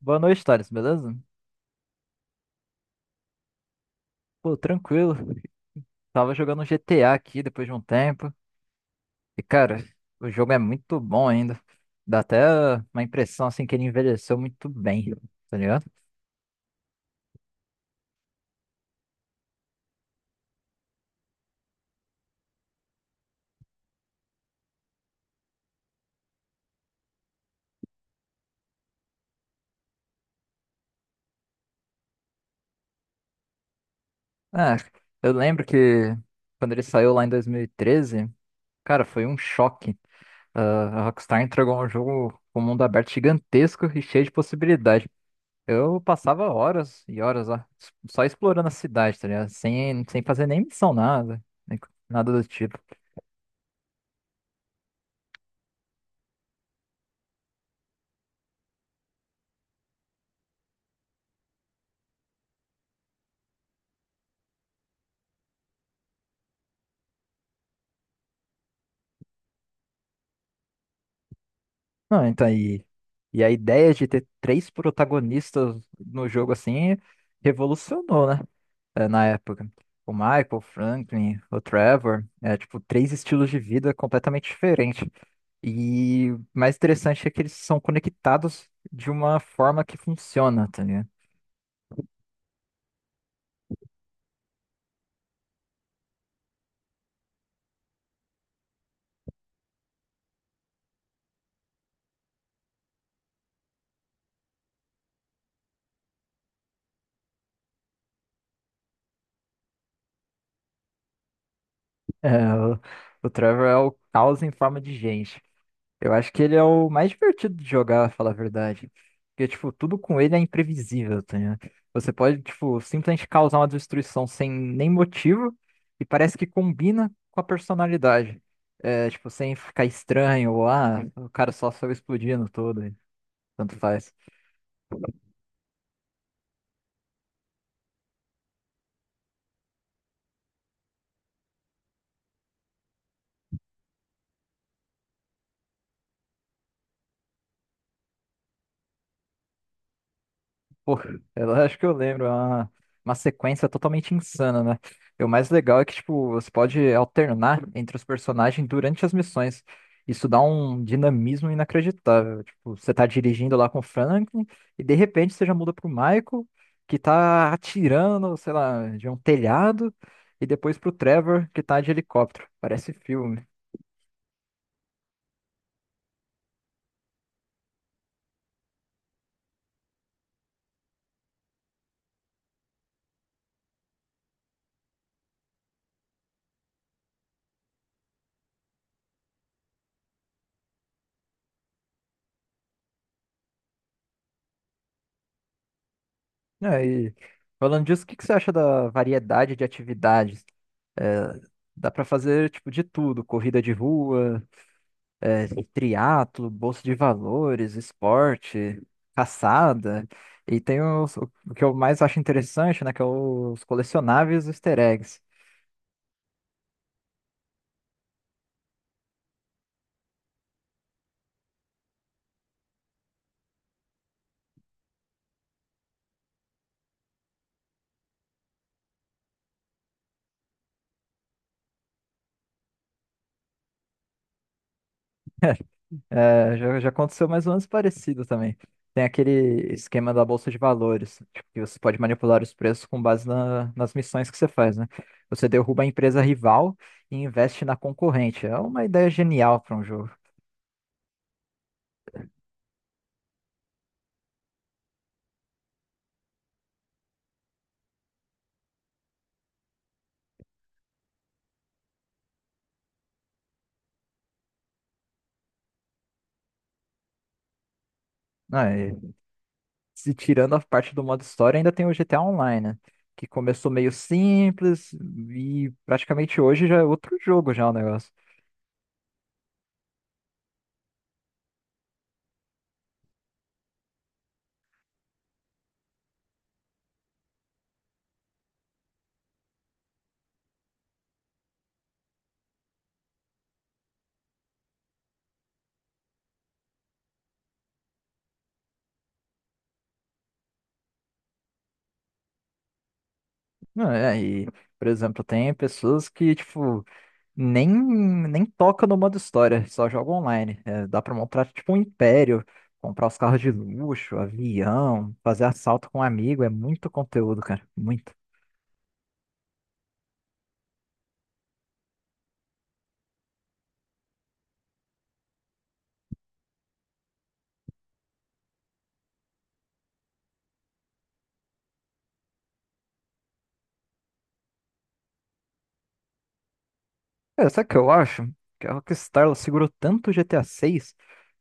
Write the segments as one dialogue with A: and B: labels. A: Boa noite, Thales, beleza? Pô, tranquilo. Tava jogando um GTA aqui depois de um tempo. E, cara, o jogo é muito bom ainda. Dá até uma impressão, assim, que ele envelheceu muito bem, tá ligado? Ah, eu lembro que quando ele saiu lá em 2013, cara, foi um choque. Ah, a Rockstar entregou um jogo com um mundo aberto gigantesco e cheio de possibilidade. Eu passava horas e horas lá, só explorando a cidade, tá ligado? Sem fazer nem missão, nada, nem co- nada do tipo. Não, então, e a ideia de ter três protagonistas no jogo assim revolucionou, né? É, na época. O Michael, o Franklin, o Trevor, é tipo três estilos de vida completamente diferentes. E o mais interessante é que eles são conectados de uma forma que funciona, tá ligado? É, o Trevor é o caos em forma de gente. Eu acho que ele é o mais divertido de jogar, falar a verdade. Porque, tipo, tudo com ele é imprevisível, tá ligado? Você pode, tipo, simplesmente causar uma destruição sem nem motivo e parece que combina com a personalidade. É, tipo, sem ficar estranho ou, ah, o cara só saiu explodindo todo, e tanto faz. Pô, eu acho que eu lembro, é uma sequência totalmente insana, né? E o mais legal é que, tipo, você pode alternar entre os personagens durante as missões. Isso dá um dinamismo inacreditável. Tipo, você tá dirigindo lá com o Franklin e de repente você já muda pro Michael, que tá atirando, sei lá, de um telhado, e depois pro Trevor, que tá de helicóptero. Parece filme. É, e falando disso, o que que você acha da variedade de atividades? É, Dá pra fazer tipo de tudo, corrida de rua, é, triatlo, bolsa de valores, esporte, caçada. E tem o que eu mais acho interessante, né, que é os colecionáveis e os easter eggs. É, já aconteceu mais ou menos parecido também. Tem aquele esquema da bolsa de valores, tipo, que você pode manipular os preços com base nas missões que você faz, né? Você derruba a empresa rival e investe na concorrente. É uma ideia genial para um jogo, né? Se tirando a parte do modo história, ainda tem o GTA Online, né? Que começou meio simples e praticamente hoje já é outro jogo já o negócio. Não, por exemplo, tem pessoas que, tipo, nem tocam no modo história, só jogam online. É, dá pra montar, tipo, um império, comprar os carros de luxo, avião, fazer assalto com um amigo, é muito conteúdo, cara, muito. Cara, sabe o que eu acho? Que a Rockstar ela segurou tanto o GTA VI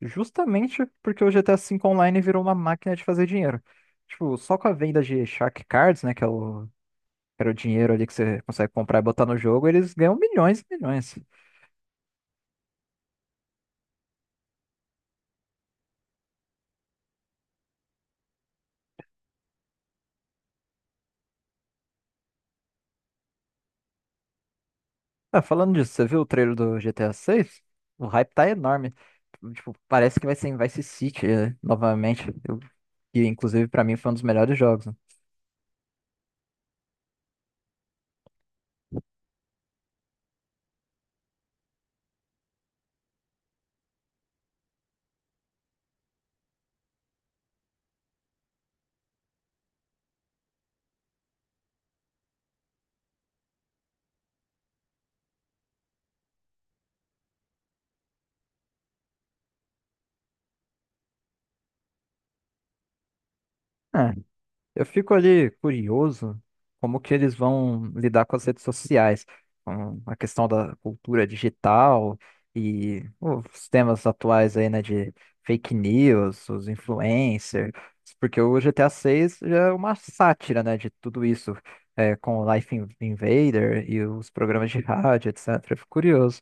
A: justamente porque o GTA V Online virou uma máquina de fazer dinheiro. Tipo, só com a venda de Shark Cards, né, que era o dinheiro ali que você consegue comprar e botar no jogo, eles ganham milhões e milhões. Ah, falando disso, você viu o trailer do GTA VI? O hype tá enorme. Tipo, parece que vai ser em Vice City, novamente. Que inclusive pra mim foi um dos melhores jogos, né? É, eu fico ali curioso como que eles vão lidar com as redes sociais, com a questão da cultura digital e os temas atuais aí, né, de fake news, os influencers, porque o GTA 6 já é uma sátira, né, de tudo isso, com o Life Invader e os programas de rádio, etc. Eu fico curioso.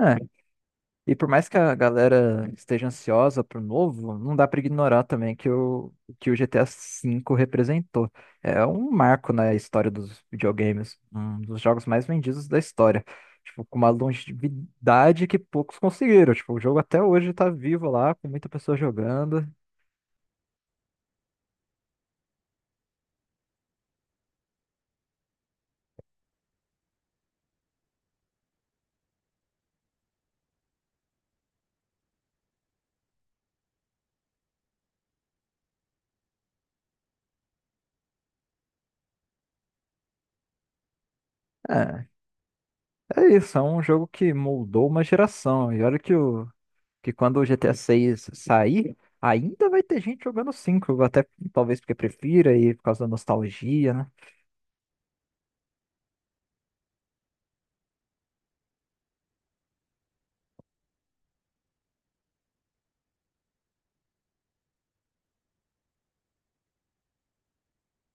A: É, e por mais que a galera esteja ansiosa pro novo, não dá pra ignorar também que o GTA V representou. É um marco na história dos videogames, um dos jogos mais vendidos da história. Tipo, com uma longevidade que poucos conseguiram. Tipo, o jogo até hoje tá vivo lá, com muita pessoa jogando. É, é isso, é um jogo que moldou uma geração. E olha que quando o GTA 6 sair, ainda vai ter gente jogando 5 até talvez porque prefira e por causa da nostalgia, né?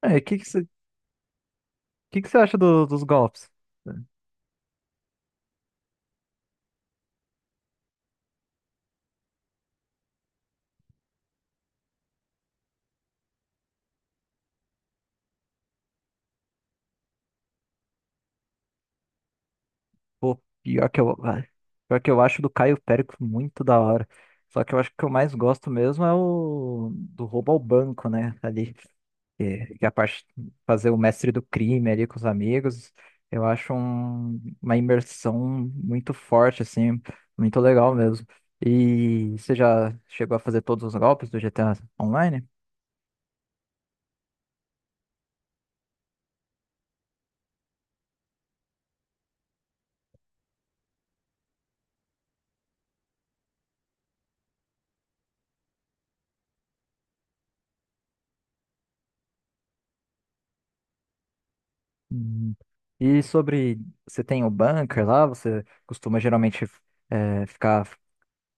A: É, o que que você acha dos golpes? Pô, pior que eu acho do Caio Périco muito da hora. Só que eu acho que o que eu mais gosto mesmo é o do roubo ao banco, né? Ali. Que a parte fazer o mestre do crime ali com os amigos, eu acho uma imersão muito forte, assim, muito legal mesmo. E você já chegou a fazer todos os golpes do GTA Online? Hum. E sobre, você tem o bunker lá, você costuma geralmente ficar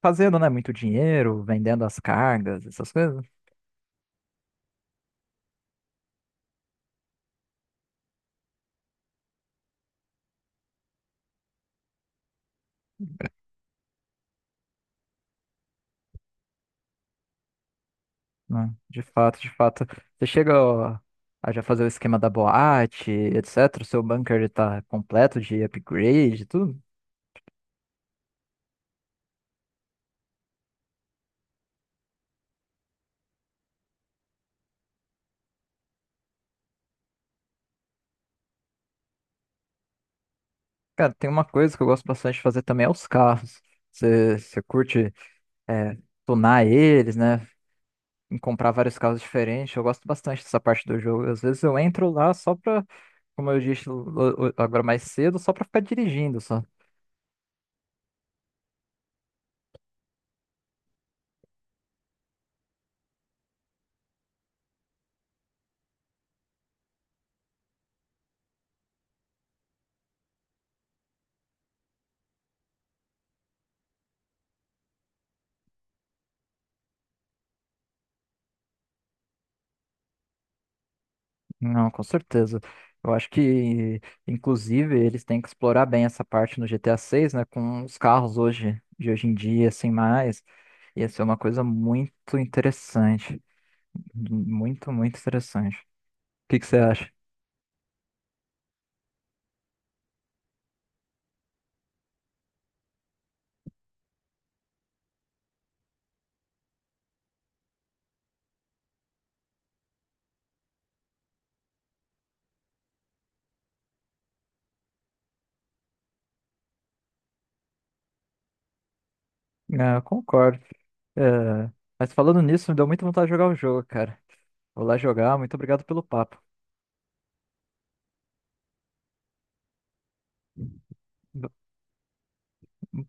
A: fazendo, né, muito dinheiro, vendendo as cargas, essas coisas? Né? De fato, de fato. Você chega ó, a já fazer o esquema da boate, etc. O seu bunker ele tá completo de upgrade, e tudo. Cara, tem uma coisa que eu gosto bastante de fazer também é os carros. Você curte é, tunar eles, né? Comprar vários carros diferentes. Eu gosto bastante dessa parte do jogo. Às vezes eu entro lá só pra, como eu disse agora mais cedo, só pra ficar dirigindo, só. Não, com certeza. Eu acho que, inclusive, eles têm que explorar bem essa parte no GTA 6, né? Com os carros hoje, de hoje em dia, assim, mais. Ia ser uma coisa muito interessante. Muito, muito interessante. O que que você acha? É, eu concordo. É, mas falando nisso, me deu muita vontade de jogar o jogo, cara. Vou lá jogar. Muito obrigado pelo papo.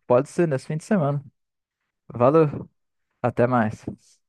A: Pode ser nesse fim de semana. Valeu. Até mais.